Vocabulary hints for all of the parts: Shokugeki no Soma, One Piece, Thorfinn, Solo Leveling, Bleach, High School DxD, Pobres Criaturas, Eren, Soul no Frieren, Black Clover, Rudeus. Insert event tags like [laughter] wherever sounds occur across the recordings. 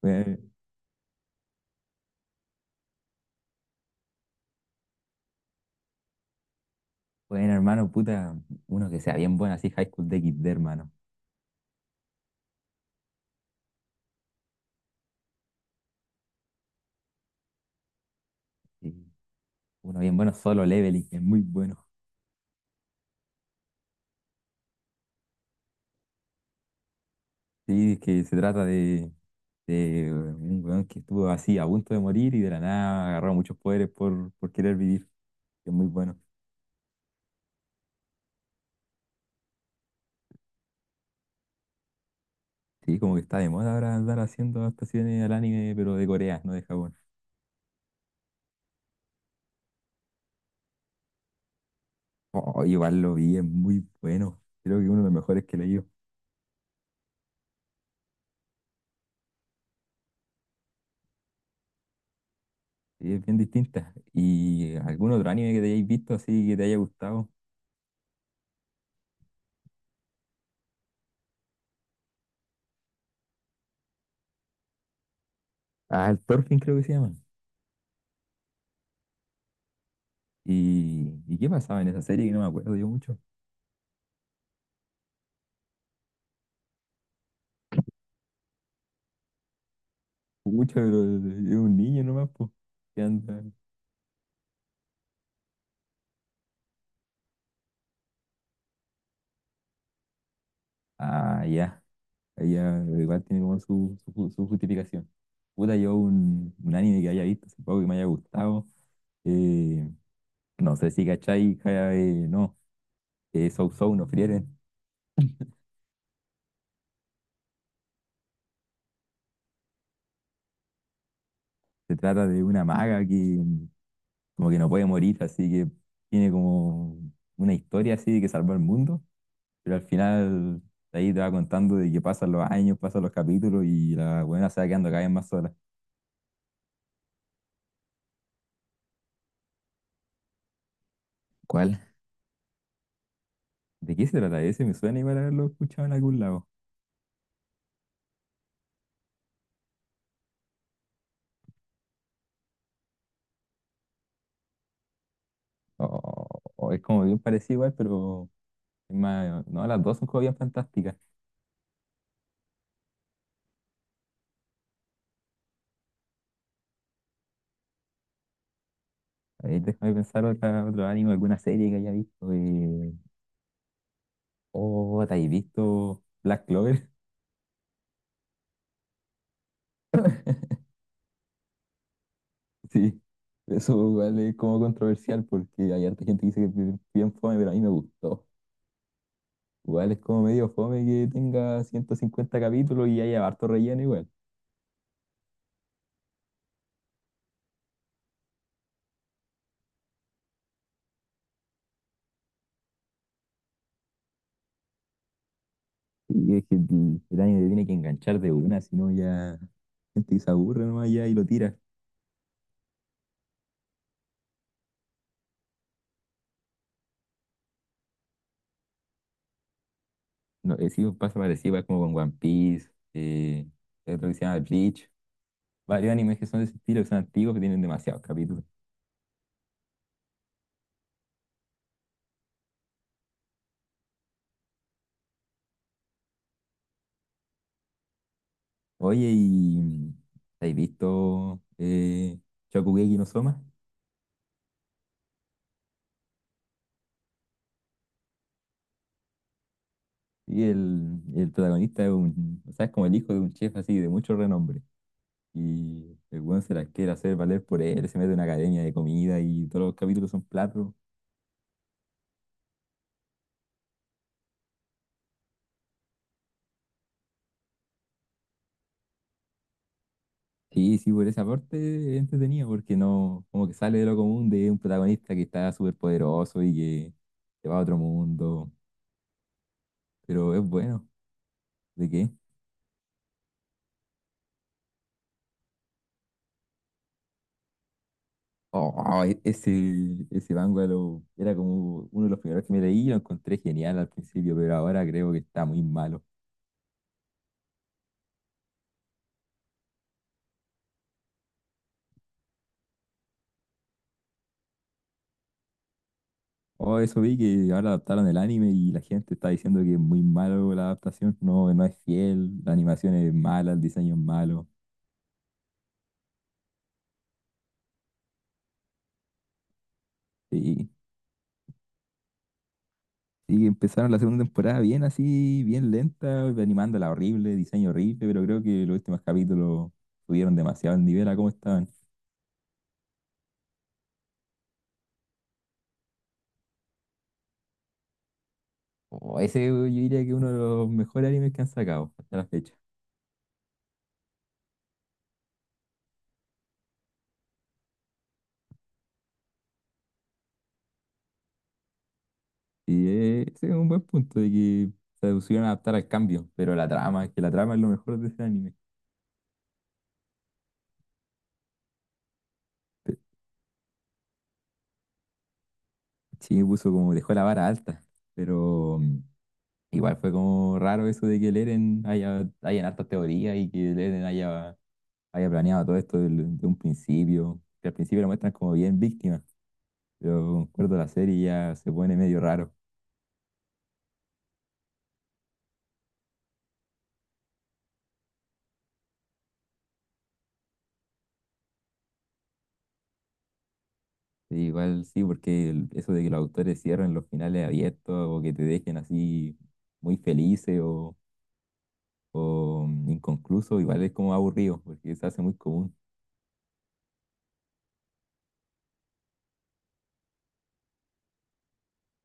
Bueno, bueno, hermano, puta, uno que sea bien bueno, así High School DxD, hermano. Sí. Uno bien bueno, solo leveling, es muy bueno. Sí, es que se trata de un weón que estuvo así a punto de morir y de la nada agarró muchos poderes por querer vivir, que es muy bueno. Sí, como que está de moda ahora andar haciendo adaptaciones al anime, pero de Corea, no de Japón. Oh, igual lo vi, es muy bueno. Creo que uno de los mejores que he leído. Sí, es bien distinta. ¿Y algún otro anime que te hayáis visto así que te haya gustado? Ah, el Thorfinn creo que se llama. ¿Y qué pasaba en esa serie, que no me acuerdo yo mucho? Mucho, pero es un niño nomás, pues. ¿Qué anda? Ah, ya. Ella igual tiene como su justificación. Puta, yo un anime que haya visto, supongo que me haya gustado. eh, no sé si cachai, ja, no. Soul no Frieren. Se trata de una maga que como que no puede morir, así que tiene como una historia así de que salvó el mundo. Pero al final, de ahí te va contando de que pasan los años, pasan los capítulos y la buena se va quedando cada vez más sola. ¿Cuál? ¿De qué se trata ese? Me suena igual haberlo escuchado en algún lado. O- o es como bien parecido igual, pero es más, no, las dos son como bien fantásticas. A ver, déjame pensar otro anime, alguna serie que haya visto. Oh, ¿te has visto Black Clover? [laughs] Sí, eso igual es como controversial porque hay harta gente que dice que es bien fome, pero a mí me gustó. Igual es como medio fome que tenga 150 capítulos y haya harto relleno igual. Y es que el anime te tiene que enganchar de una, si no ya la gente se aburre nomás ya y lo tira. No, sí, pasa parecido, igual como con One Piece. Eh, hay otro que se llama Bleach, varios animes que son de ese estilo, que son antiguos, que tienen demasiados capítulos. Oye, ¿y habéis visto Shokugeki no Soma? Y el protagonista es un, o sea, es como el hijo de un chef así, de mucho renombre. Y el weón se las quiere hacer valer por él, se mete en una academia de comida y todos los capítulos son platos. Sí, sí, por esa parte es entretenido, porque no, como que sale de lo común de un protagonista que está súper poderoso y que se va a otro mundo. Pero es bueno, ¿de qué? Oh, ese manga lo- era como uno de los primeros que me leí, lo encontré genial al principio, pero ahora creo que está muy malo. Oh, eso vi que ahora adaptaron el anime y la gente está diciendo que es muy malo la adaptación, no, no es fiel, la animación es mala, el diseño es malo. Sí, sí, empezaron la segunda temporada bien así, bien lenta, animándola horrible, diseño horrible, pero creo que los últimos capítulos subieron demasiado el nivel a cómo estaban. Oh, ese yo diría que es uno de los mejores animes que han sacado hasta la fecha. Y ese es un buen punto de que se pusieron a adaptar al cambio, pero la trama, es que la trama es lo mejor de ese anime. Sí, me puso como dejó la vara alta, pero igual fue como raro eso de que hayan hartas teorías y que el Eren haya planeado todo esto del- de un principio, que al principio lo muestran como bien víctima, pero acuerdo la serie ya se pone medio raro. Sí, igual sí, porque el- eso de que los autores cierren los finales abiertos o que te dejen así muy felices o inconcluso, igual es como aburrido, porque se hace muy común.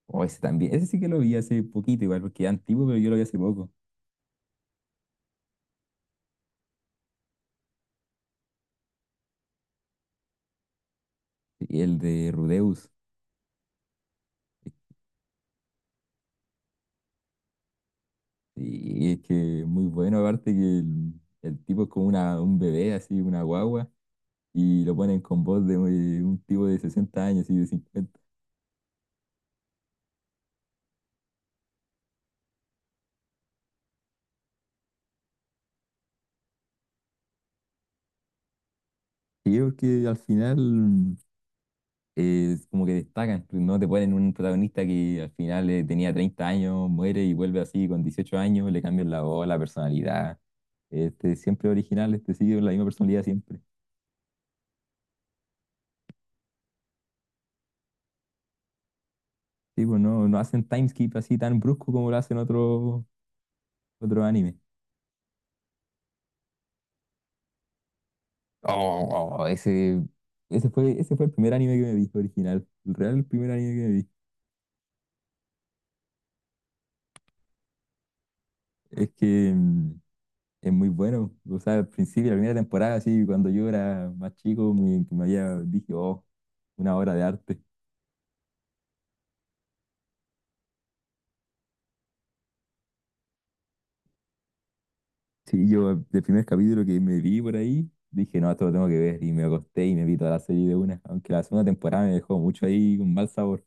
O ese también, ese sí que lo vi hace poquito, igual porque es antiguo, pero yo lo vi hace poco. Y el de Rudeus. Y es que es muy bueno, aparte que el tipo es como un bebé, así, una guagua, y lo ponen con voz de un tipo de 60 años y de 50. Sí, porque al final es como que destacan, pues, no te ponen un protagonista que al final tenía 30 años, muere y vuelve así con 18 años, le cambian la voz, la personalidad. Este siempre original, este sigue con la misma personalidad siempre. Sí, pues no, no hacen timeskip así tan brusco como lo hacen otro anime. Oh, oh, ese, ese fue, ese fue el primer anime que me vi original. El real primer anime que me vi. Es que es muy bueno. O sea, al principio, la primera temporada, así, cuando yo era más chico, me, que me había, dije, oh, una obra de arte. Sí, yo el primer capítulo que me vi por ahí, dije, no, esto lo tengo que ver. Y me acosté y me vi toda la serie de una. Aunque la segunda temporada me dejó mucho ahí con mal sabor.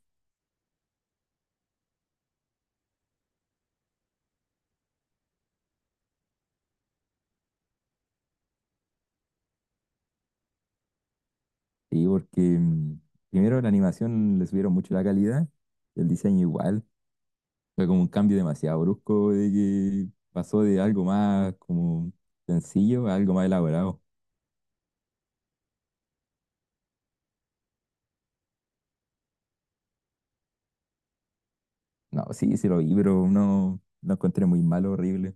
Sí, porque primero la animación le subieron mucho la calidad, el diseño igual. Fue como un cambio demasiado brusco de que pasó de algo más como sencillo a algo más elaborado. No, sí, se lo vi, pero no lo encontré muy malo, horrible.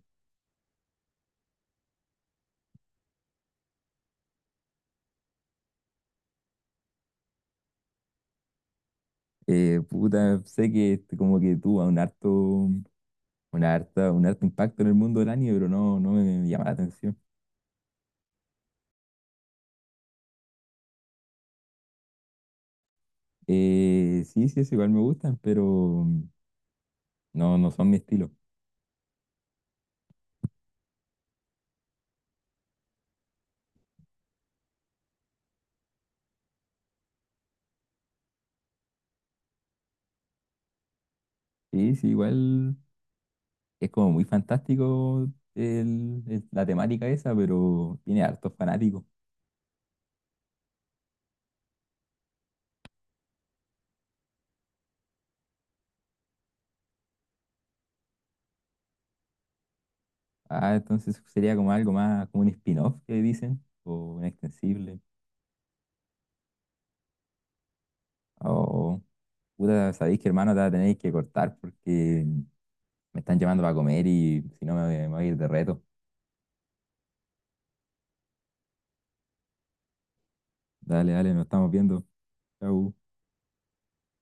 Puta, sé que este como que tuvo un harto impacto en el mundo del anime, pero no, no me llama la atención. Sí, sí, es igual me gustan, pero no, no son mi estilo. Sí, sí, igual es como muy fantástico la temática esa, pero tiene hartos fanáticos. Ah, entonces sería como algo más, como un spin-off que dicen, o un extensible. O, puta, sabéis que hermano, te va a tener que cortar porque me están llamando para comer y si no me, voy me voy a ir de reto. Dale, dale, nos estamos viendo. Chau.